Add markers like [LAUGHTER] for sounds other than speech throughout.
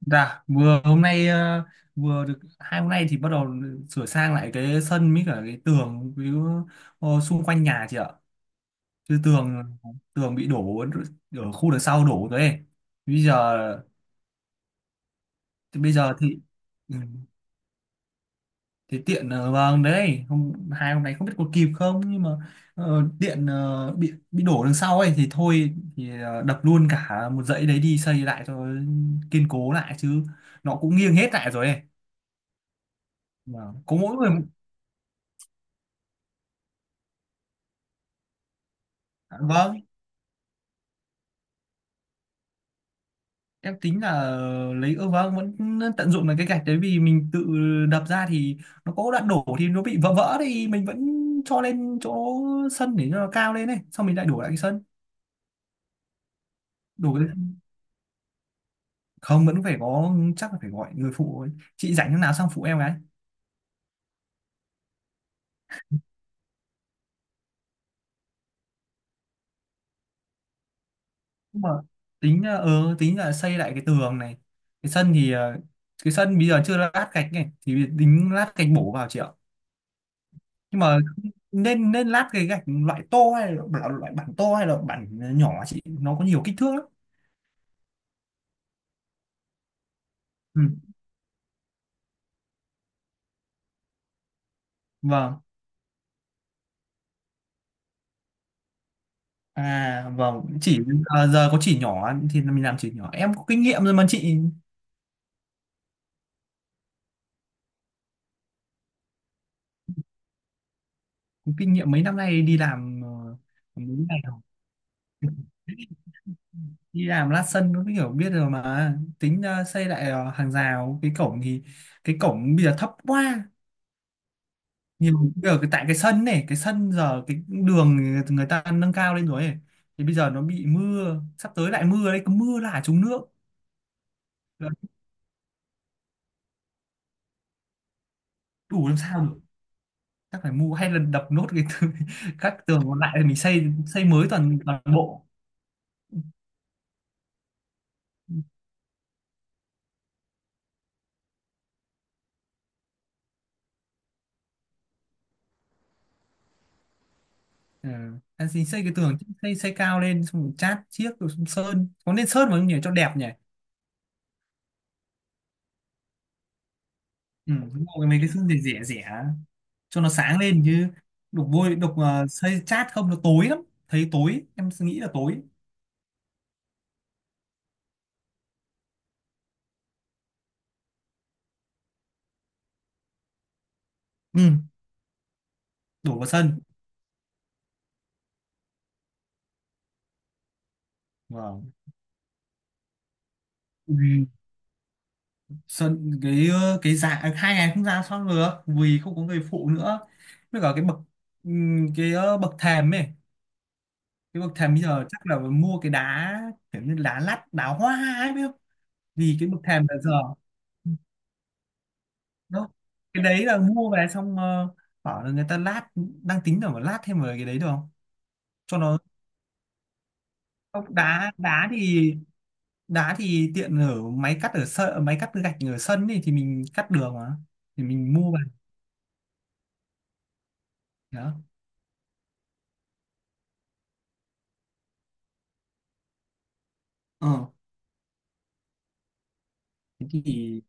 Dạ, vừa hôm nay vừa được hai hôm nay thì bắt đầu sửa sang lại cái sân với cả cái tường với xung quanh nhà chị ạ. Chứ tường tường bị đổ ở khu đằng sau đổ rồi ấy. Bây giờ bây giờ thì ừ, thì tiện vâng đấy, hai hôm nay không biết có kịp không, nhưng mà điện bị đổ đằng sau ấy, thì thôi thì đập luôn cả một dãy đấy đi xây lại cho kiên cố lại, chứ nó cũng nghiêng hết lại rồi ấy. Vâng. Có mỗi người. À, vâng, em tính là lấy, ơ vâng, vẫn tận dụng được cái gạch đấy, vì mình tự đập ra thì nó có đoạn đổ thì nó bị vỡ vỡ thì mình vẫn cho lên chỗ sân để cho nó cao lên này, xong mình lại đổ lại cái sân. đổ cái... Không, vẫn phải có, chắc là phải gọi người phụ ấy. Chị rảnh lúc nào sang phụ em cái, nhưng mà tính là xây lại cái tường này. Cái sân thì cái sân bây giờ chưa lát gạch này thì tính lát gạch bổ vào, chị ạ, nhưng mà nên nên lát cái gạch loại tô hay là loại, loại bản tô hay là bản nhỏ, chị nó có nhiều kích thước lắm. Ừ. Vâng. À vâng, chỉ. À, giờ có chỉ nhỏ thì mình làm chỉ nhỏ, em có kinh nghiệm rồi mà chị, có kinh nghiệm mấy năm nay đi làm, mấy ngày rồi, [LAUGHS] đi làm lát sân nó hiểu biết rồi mà. Tính xây lại hàng rào, cái cổng thì cái cổng bây giờ thấp quá nhiều, ở cái tại cái sân này, cái sân giờ cái đường người ta nâng cao lên rồi ấy. Thì bây giờ nó bị mưa, sắp tới lại mưa đấy, cứ mưa là trúng nước. Là đủ làm sao được, chắc phải mua hay là đập nốt cái tường- [LAUGHS] các tường còn lại thì mình xây, xây mới toàn toàn bộ. Ừ. Anh xin xây cái tường, xây xây cao lên, xong rồi chát chiếc rồi, xong sơn, có nên sơn vào không nhỉ, cho đẹp nhỉ. Ừ, đúng rồi, mấy cái sơn rẻ rẻ rẻ cho nó sáng lên chứ, đục vôi đục xây chát không nó tối lắm, thấy tối, em nghĩ là tối. Ừ. Đổ vào sân. Vâng. Ừ. Sơn cái cái giá à, hai ngày không ra xong được vì không có người phụ nữa, với cả cái bậc, cái bậc thềm ấy, cái bậc thềm bây giờ chắc là mua cái đá kiểu như đá lát, đá hoa ấy, biết không, vì cái bậc thềm là giờ đó. Cái đấy là mua về, xong bảo là người ta lát, đang tính là phải lát thêm vào, cái đấy được không cho nó. Không, đá, đá thì, đá thì tiện ở máy cắt ở sân, máy cắt gạch ở sân thì mình cắt đường mà, thì mình mua về đó. Ờ thế thì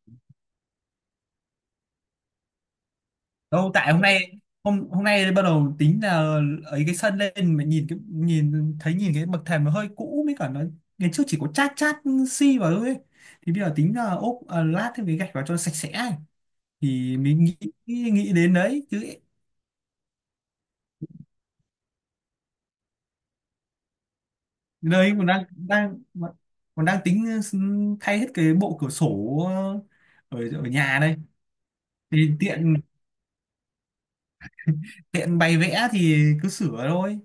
đâu tại hôm nay, hôm hôm nay bắt đầu tính là ấy cái sân lên mà nhìn cái, nhìn thấy, nhìn cái bậc thềm nó hơi cũ, mới cả nó ngày trước chỉ có chát chát xi vào thôi ấy. Thì bây giờ tính là ốp à, lát thêm cái gạch vào cho sạch sẽ ấy. Thì mình nghĩ, nghĩ đến đấy chứ. Đây còn đang đang còn đang tính thay hết cái bộ cửa sổ ở ở nhà đây, thì tiện tiện bày vẽ thì cứ sửa thôi,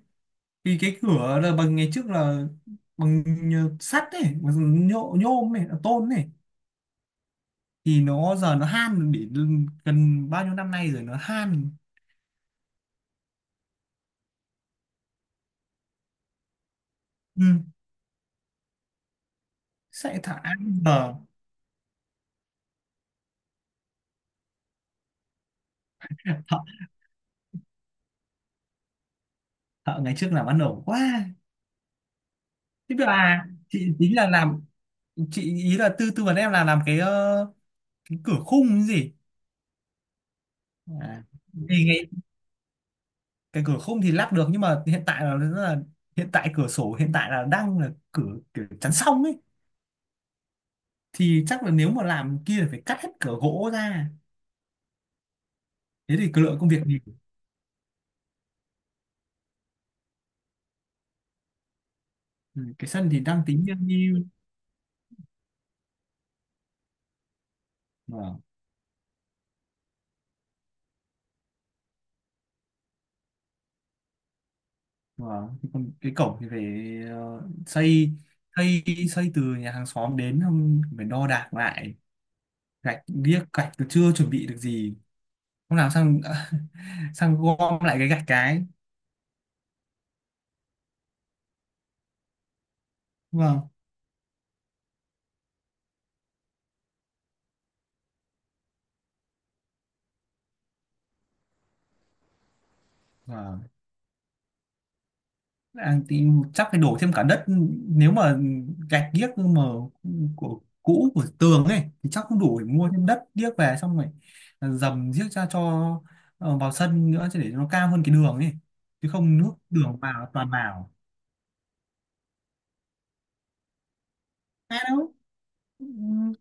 vì cái cửa là bằng ngày trước là bằng, nhờ- sắt ấy, bằng nhôm, nhôm này, tôn này, thì nó giờ nó han để gần bao nhiêu năm nay rồi nó han. Ừ. Sẽ thả giờ. Thợ, thợ ngày trước làm ăn ổn quá. Thế là chị tính là làm, chị ý là tư tư vấn em là làm cái cái cửa khung cái gì. À. Thì cái cửa khung thì lắp được, nhưng mà hiện tại là, rất là, hiện tại cửa sổ hiện tại là đang là cửa kiểu chắn song ấy, thì chắc là nếu mà làm kia là phải cắt hết cửa gỗ ra, thế thì cái lượng công việc nhiều. Ừ, cái sân thì đang tính như như-. Vâng. Vâng. Thì còn cái cổng thì phải ờ, xây, xây xây từ nhà hàng xóm đến, không phải đo đạc lại. Gạch điếc, gạch tôi chưa chuẩn bị được gì. Không làm xong [LAUGHS] sang gom lại cái gạch cái. Vâng. Vâng. À, thì chắc phải đổ thêm cả đất, nếu mà gạch điếc mà của cũ của tường ấy thì chắc không đủ, để mua thêm đất điếc về, xong rồi dầm giếc ra cho vào sân nữa, chứ để nó cao hơn cái đường ấy, chứ không nước đường vào toàn vào. À đâu.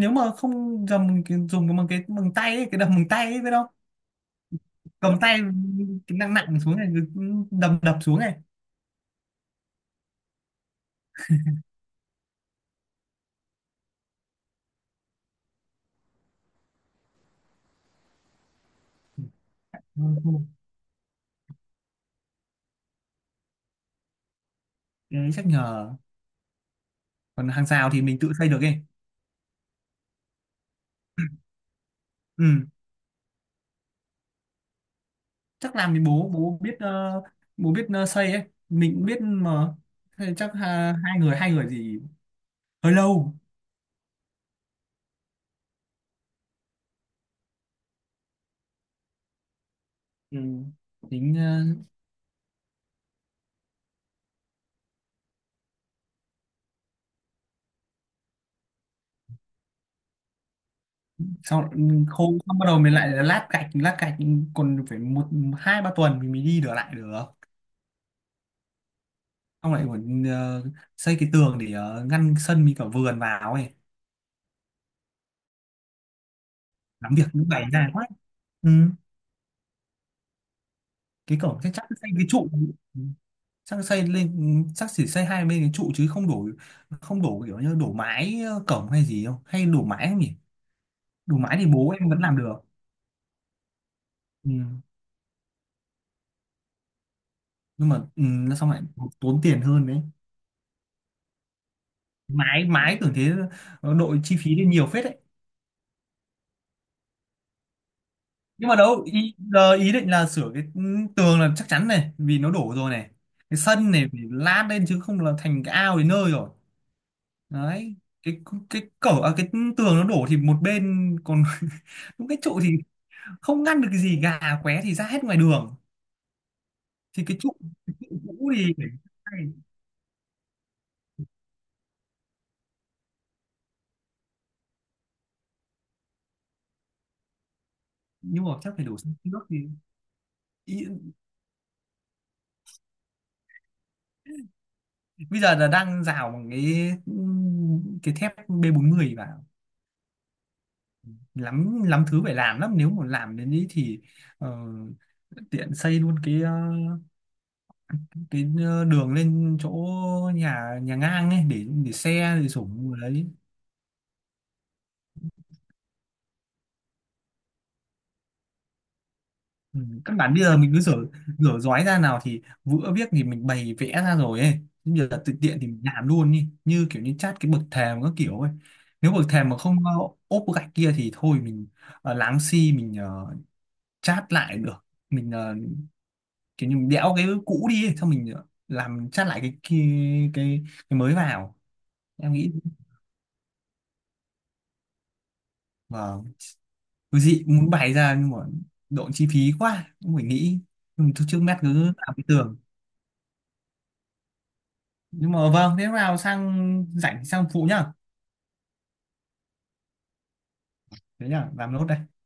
Nếu mà không dầm cái- dùng cái bằng tay ấy, cái đầm bằng tay ấy biết không, cầm tay, cái nặng nặng xuống này, cứ đầm đập xuống này. Ừ, cái đấy chắc nhờ. Còn hàng rào thì mình tự xây được ấy. Ừ, chắc làm thì bố bố biết bố biết xây ấy, mình cũng biết mà. Thế chắc ha, hai người, gì hơi lâu. Ừ. Tính sau khô xong bắt đầu mình lại lát gạch, lát gạch, còn phải một, hai, ba tuần thì mình mới đi được lại được. Xong lại còn xây cái tường để ngăn sân với cả vườn vào ấy. Làm việc những ngày dài quá. Ừ. Cái cổng chắc chắn xây cái trụ. Ừ. Chắc xây lên, ừ, chắc chỉ xây hai bên cái trụ chứ không đổ, không đổ kiểu như đổ mái cổng hay gì không, hay đổ mái không nhỉ. Đổ mái thì bố em vẫn làm được. Ừ. Nhưng mà ừ, nó xong lại tốn tiền hơn đấy. Mái Mái tưởng thế, nó đội chi phí lên nhiều phết đấy. Nhưng mà đâu ý, giờ ý định là sửa cái ừ, tường là chắc chắn này vì nó đổ rồi này, cái sân này phải lát lên chứ không là thành cái ao đến nơi rồi. Đấy, cái cái cổng à, cái tường nó đổ thì một bên còn [LAUGHS] đúng cái trụ thì không ngăn được cái gì, gà qué thì ra hết ngoài đường. Thì cái trụ, cái trụ cũ thì phải thay. Nhưng mà chắc phải đổ sang nước thì ý, bây giờ là đang rào bằng cái thép B40 vào, lắm lắm thứ phải làm lắm, nếu mà làm đến ý thì ờ, tiện xây luôn cái cái đường lên chỗ nhà nhà ngang ấy để xe, để sủng đấy. Ừ, căn bản bây giờ mình cứ rửa, rửa giói ra nào thì vữa viết thì mình bày vẽ ra rồi ấy. Chứ bây giờ tự tiện thì mình làm luôn đi, như kiểu như chát cái bậc thềm các kiểu ấy, nếu bậc thềm mà không ốp gạch kia thì thôi mình láng xi, mình chát lại được, mình kiểu như mình đẽo cái cũ đi ấy, xong mình làm chát lại cái cái, cái mới vào. Em nghĩ. Vâng, cứ dị muốn bày ra, nhưng mà độ chi phí quá cũng phải nghĩ, nhưng mà thôi trước mắt cứ làm cái tường. Nhưng mà vâng, thế nào sang rảnh sang phụ nhá. Thế nhá, làm nốt đây.